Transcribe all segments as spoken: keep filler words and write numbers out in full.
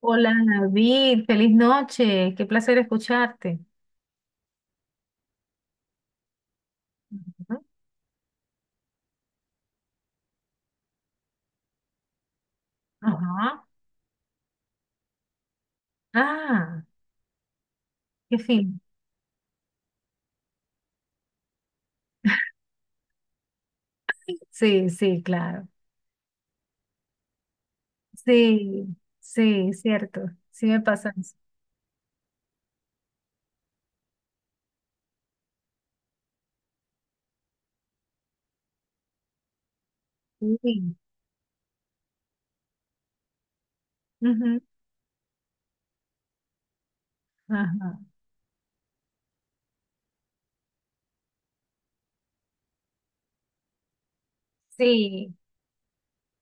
Hola David, feliz noche, qué placer escucharte. Ujú. Ajá. Ah, qué fin. Sí, sí, claro. Sí, sí, cierto. Sí me pasa eso. Sí. Ujú. Ajá. Sí.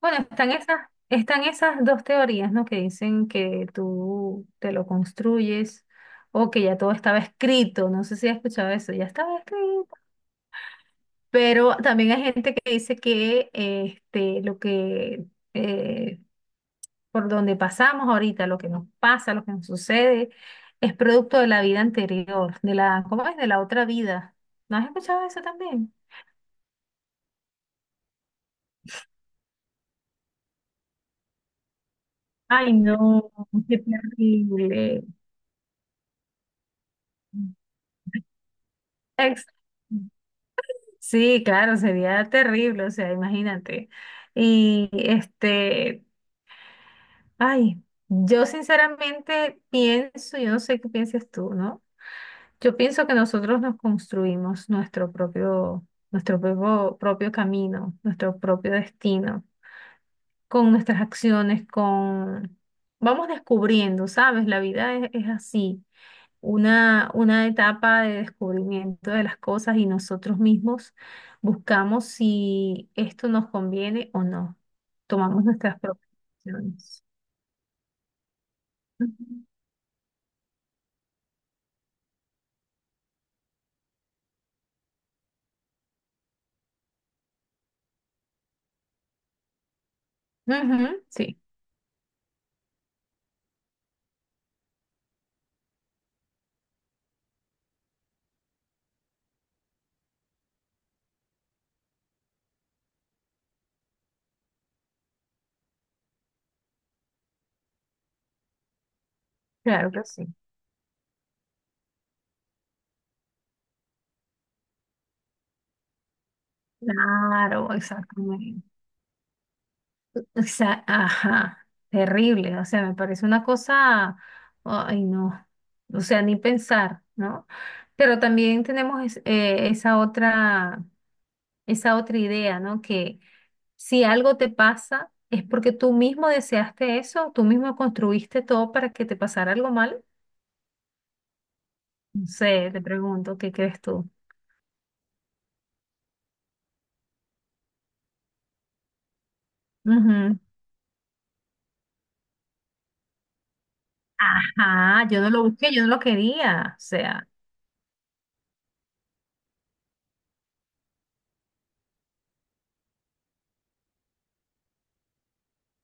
Bueno, están esas, están esas dos teorías, ¿no? Que dicen que tú te lo construyes o que ya todo estaba escrito. No sé si has escuchado eso. Ya estaba escrito. Pero también hay gente que dice que este, lo que eh, por donde pasamos ahorita, lo que nos pasa, lo que nos sucede, es producto de la vida anterior, de la, ¿cómo es? De la otra vida. ¿No has escuchado eso también? Ay, no, qué terrible. Ex- Sí, claro, sería terrible, o sea, imagínate. Y este, ay, yo sinceramente pienso, yo no sé qué piensas tú, ¿no? Yo pienso que nosotros nos construimos nuestro propio, nuestro propio, propio camino, nuestro propio destino, con nuestras acciones, con... Vamos descubriendo, ¿sabes? La vida es, es así, una, una etapa de descubrimiento de las cosas y nosotros mismos buscamos si esto nos conviene o no. Tomamos nuestras propias acciones. Ujú. Ujú, sí, claro que sí. Claro, exactamente. O sea, ajá, terrible, o sea, me parece una cosa, ay no, o sea, ni pensar, ¿no? Pero también tenemos es- eh, esa otra, esa otra idea, ¿no? Que si algo te pasa es porque tú mismo deseaste eso, tú mismo construiste todo para que te pasara algo mal. No sé, te pregunto, ¿qué crees tú? Ujú. Ah, yo no lo busqué, yo no lo quería, o sea,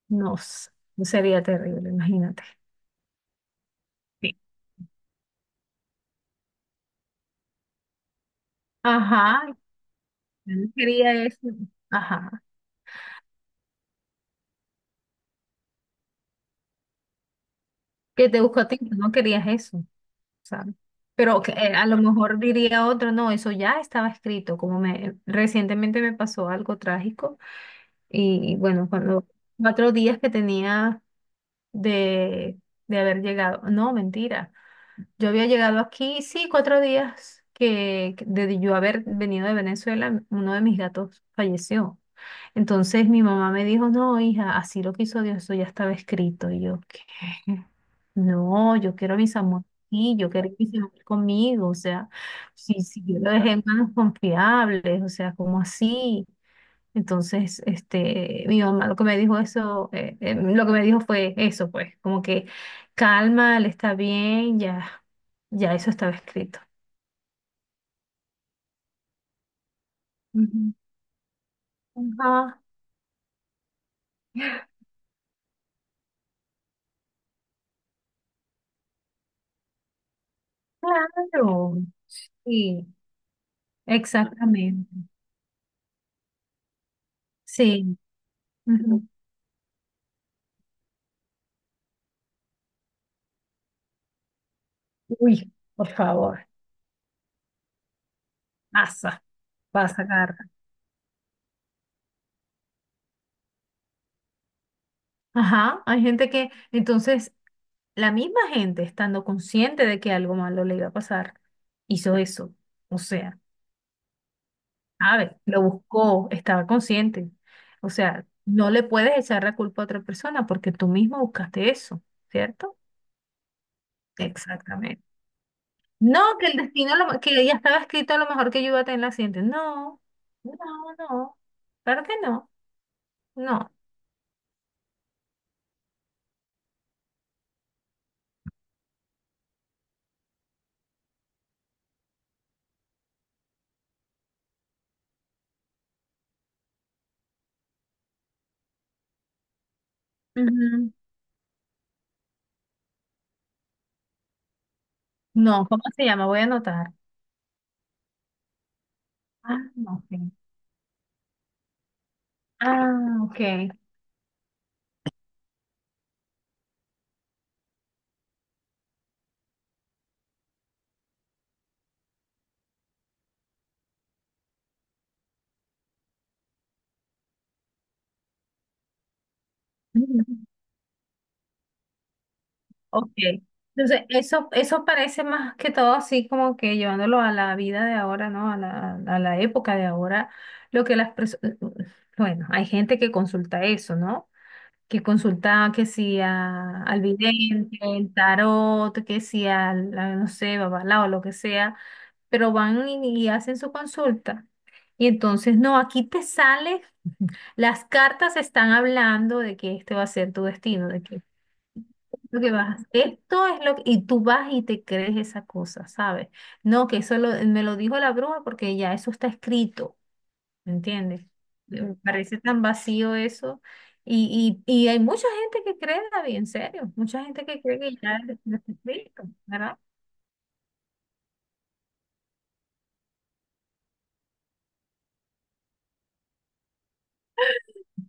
no, sé, sería terrible, imagínate. Sí. Ajá, yo no quería eso. Ajá. Que te buscó a ti, no querías eso, ¿sabes? Pero que, eh, a lo mejor diría otro, no, eso ya estaba escrito, como me recientemente me pasó algo trágico y, bueno, cuando cuatro días que tenía de, de haber llegado, no, mentira, yo había llegado aquí, sí, cuatro días que que de yo haber venido de Venezuela, uno de mis gatos falleció. Entonces mi mamá me dijo, no, hija, así lo quiso Dios, eso ya estaba escrito. Y yo, ¿qué? No, yo quiero a mis amores, sí, yo quiero que mis amores conmigo, o sea, si, si yo lo dejé en manos confiables, o sea, ¿como así? Entonces, este, mi mamá lo que me dijo eso, eh, eh, lo que me dijo fue eso, pues, como que calma, él está bien, ya, ya eso estaba escrito. Ujú. Ajá, claro, sí, exactamente, sí. Ujú. Uy, por favor, pasa, pasa, Carla. Ajá, hay gente que, entonces, la misma gente, estando consciente de que algo malo le iba a pasar, hizo eso. O sea, sabe, lo buscó, estaba consciente. O sea, no le puedes echar la culpa a otra persona porque tú mismo buscaste eso, ¿cierto? Exactamente. No, que el destino, lo- que ya estaba escrito a lo mejor que yo iba a tener la accidente. No, no, no. Claro que no, no. Ujú. No, ¿cómo se llama? Voy a anotar. Ah, no, ok. Ah, ok. Ujú. Ok. Entonces, eso, eso parece más que todo así como que llevándolo a la vida de ahora, ¿no? A la, a la época de ahora, lo que las personas, bueno, hay gente que consulta eso, ¿no? Que consulta que si a- al vidente, el tarot, que si al, a, no sé, babalao, lo que sea, pero van y, y hacen su consulta. Y entonces, no, aquí te sale, las cartas están hablando de que este va a ser tu destino, de que lo que vas, esto es lo que, y tú vas y te crees esa cosa, ¿sabes? No, que eso lo- me lo dijo la bruja porque ya eso está escrito, ¿me entiendes? Me parece tan vacío eso. Y, y, y hay mucha gente que cree, David, en serio, mucha gente que cree que ya está escrito, ¿verdad?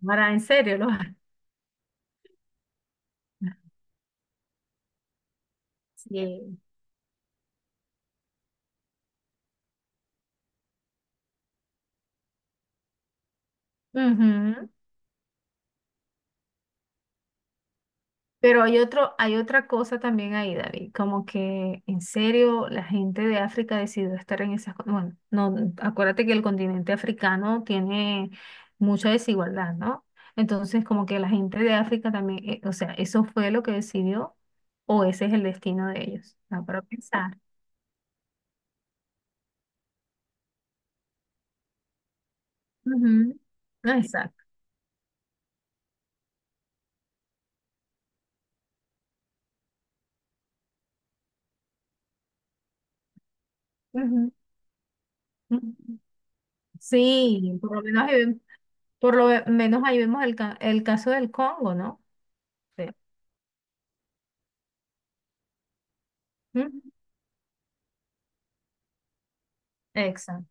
Para, en serio, lo Sí. Ujú. Pero hay otro, hay otra cosa también ahí, David, como que en serio la gente de África decidió estar en esas, co- bueno, no, acuérdate que el continente africano tiene mucha desigualdad, ¿no? Entonces, como que la gente de África también, eh, o sea, eso fue lo que decidió o ese es el destino de ellos, ¿no? Para pensar. Ujú, no, exacto. Ujú, ujú. Sí, por lo menos ahí, ve- por lo ve- menos ahí vemos el, ca- el caso del Congo, ¿no? Sí. Ujú, exacto.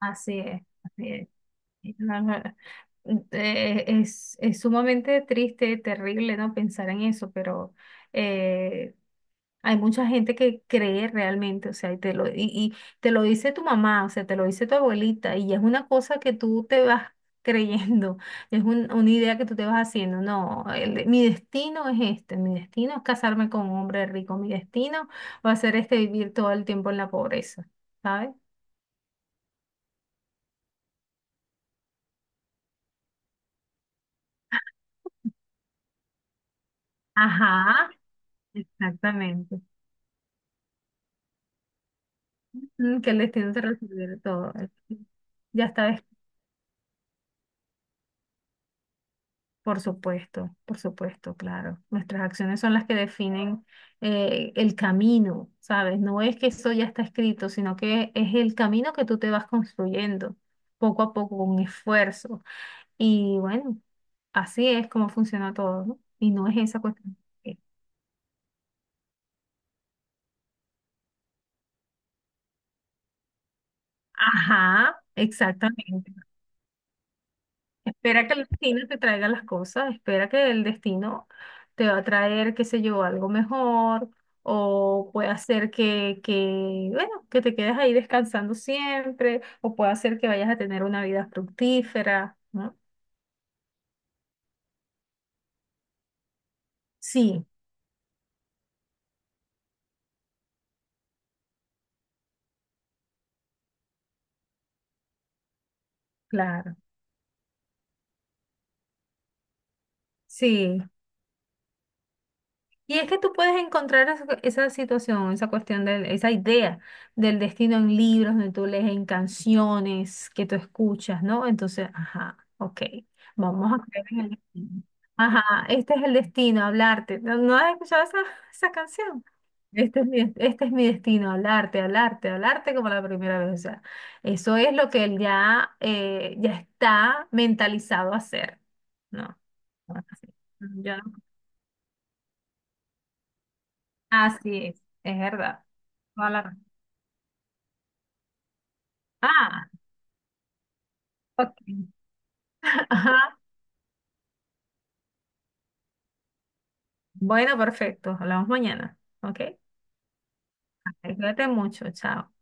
Así es, así es. No, no, eh, es, es sumamente triste, terrible, ¿no? Pensar en eso, pero eh, hay mucha gente que cree realmente, o sea, y te lo, y, y te lo dice tu mamá, o sea, te lo dice tu abuelita, y es una cosa que tú te vas creyendo, es un- una idea que tú te vas haciendo, no, el- mi destino es este, mi destino es casarme con un hombre rico, mi destino va a ser este vivir todo el tiempo en la pobreza, ¿sabes? Ajá, exactamente. Mm, que el destino se resolviera todo. Ya está, es- por supuesto, por supuesto, claro. Nuestras acciones son las que definen eh, el camino, ¿sabes? No es que eso ya está escrito, sino que es el camino que tú te vas construyendo poco a poco con esfuerzo. Y bueno, así es como funciona todo, ¿no? Y no es esa cuestión. Eh, Ajá, exactamente. Espera que el destino te traiga las cosas, espera que el destino te va a traer, qué sé yo, algo mejor o puede hacer que, que, bueno, que te quedes ahí descansando siempre o puede hacer que vayas a tener una vida fructífera, ¿no? Sí, claro, sí. Y es que tú puedes encontrar esa, esa situación, esa cuestión, del- esa idea del destino en libros, donde tú lees en canciones que tú escuchas, ¿no? Entonces, ajá, ok, vamos a creer en el destino. Ajá, este es el destino, hablarte. ¿No, no has escuchado esa, esa canción? Este es mi, des- este es mi destino, hablarte, hablarte, hablarte como la primera vez. O sea, eso es lo que él ya, eh, ya está mentalizado a hacer, ¿no? No así. Así es, es verdad. Toda la razón. Ah, ok. Ajá. Bueno, perfecto. Hablamos mañana. Ok. Cuídate mucho. Chao.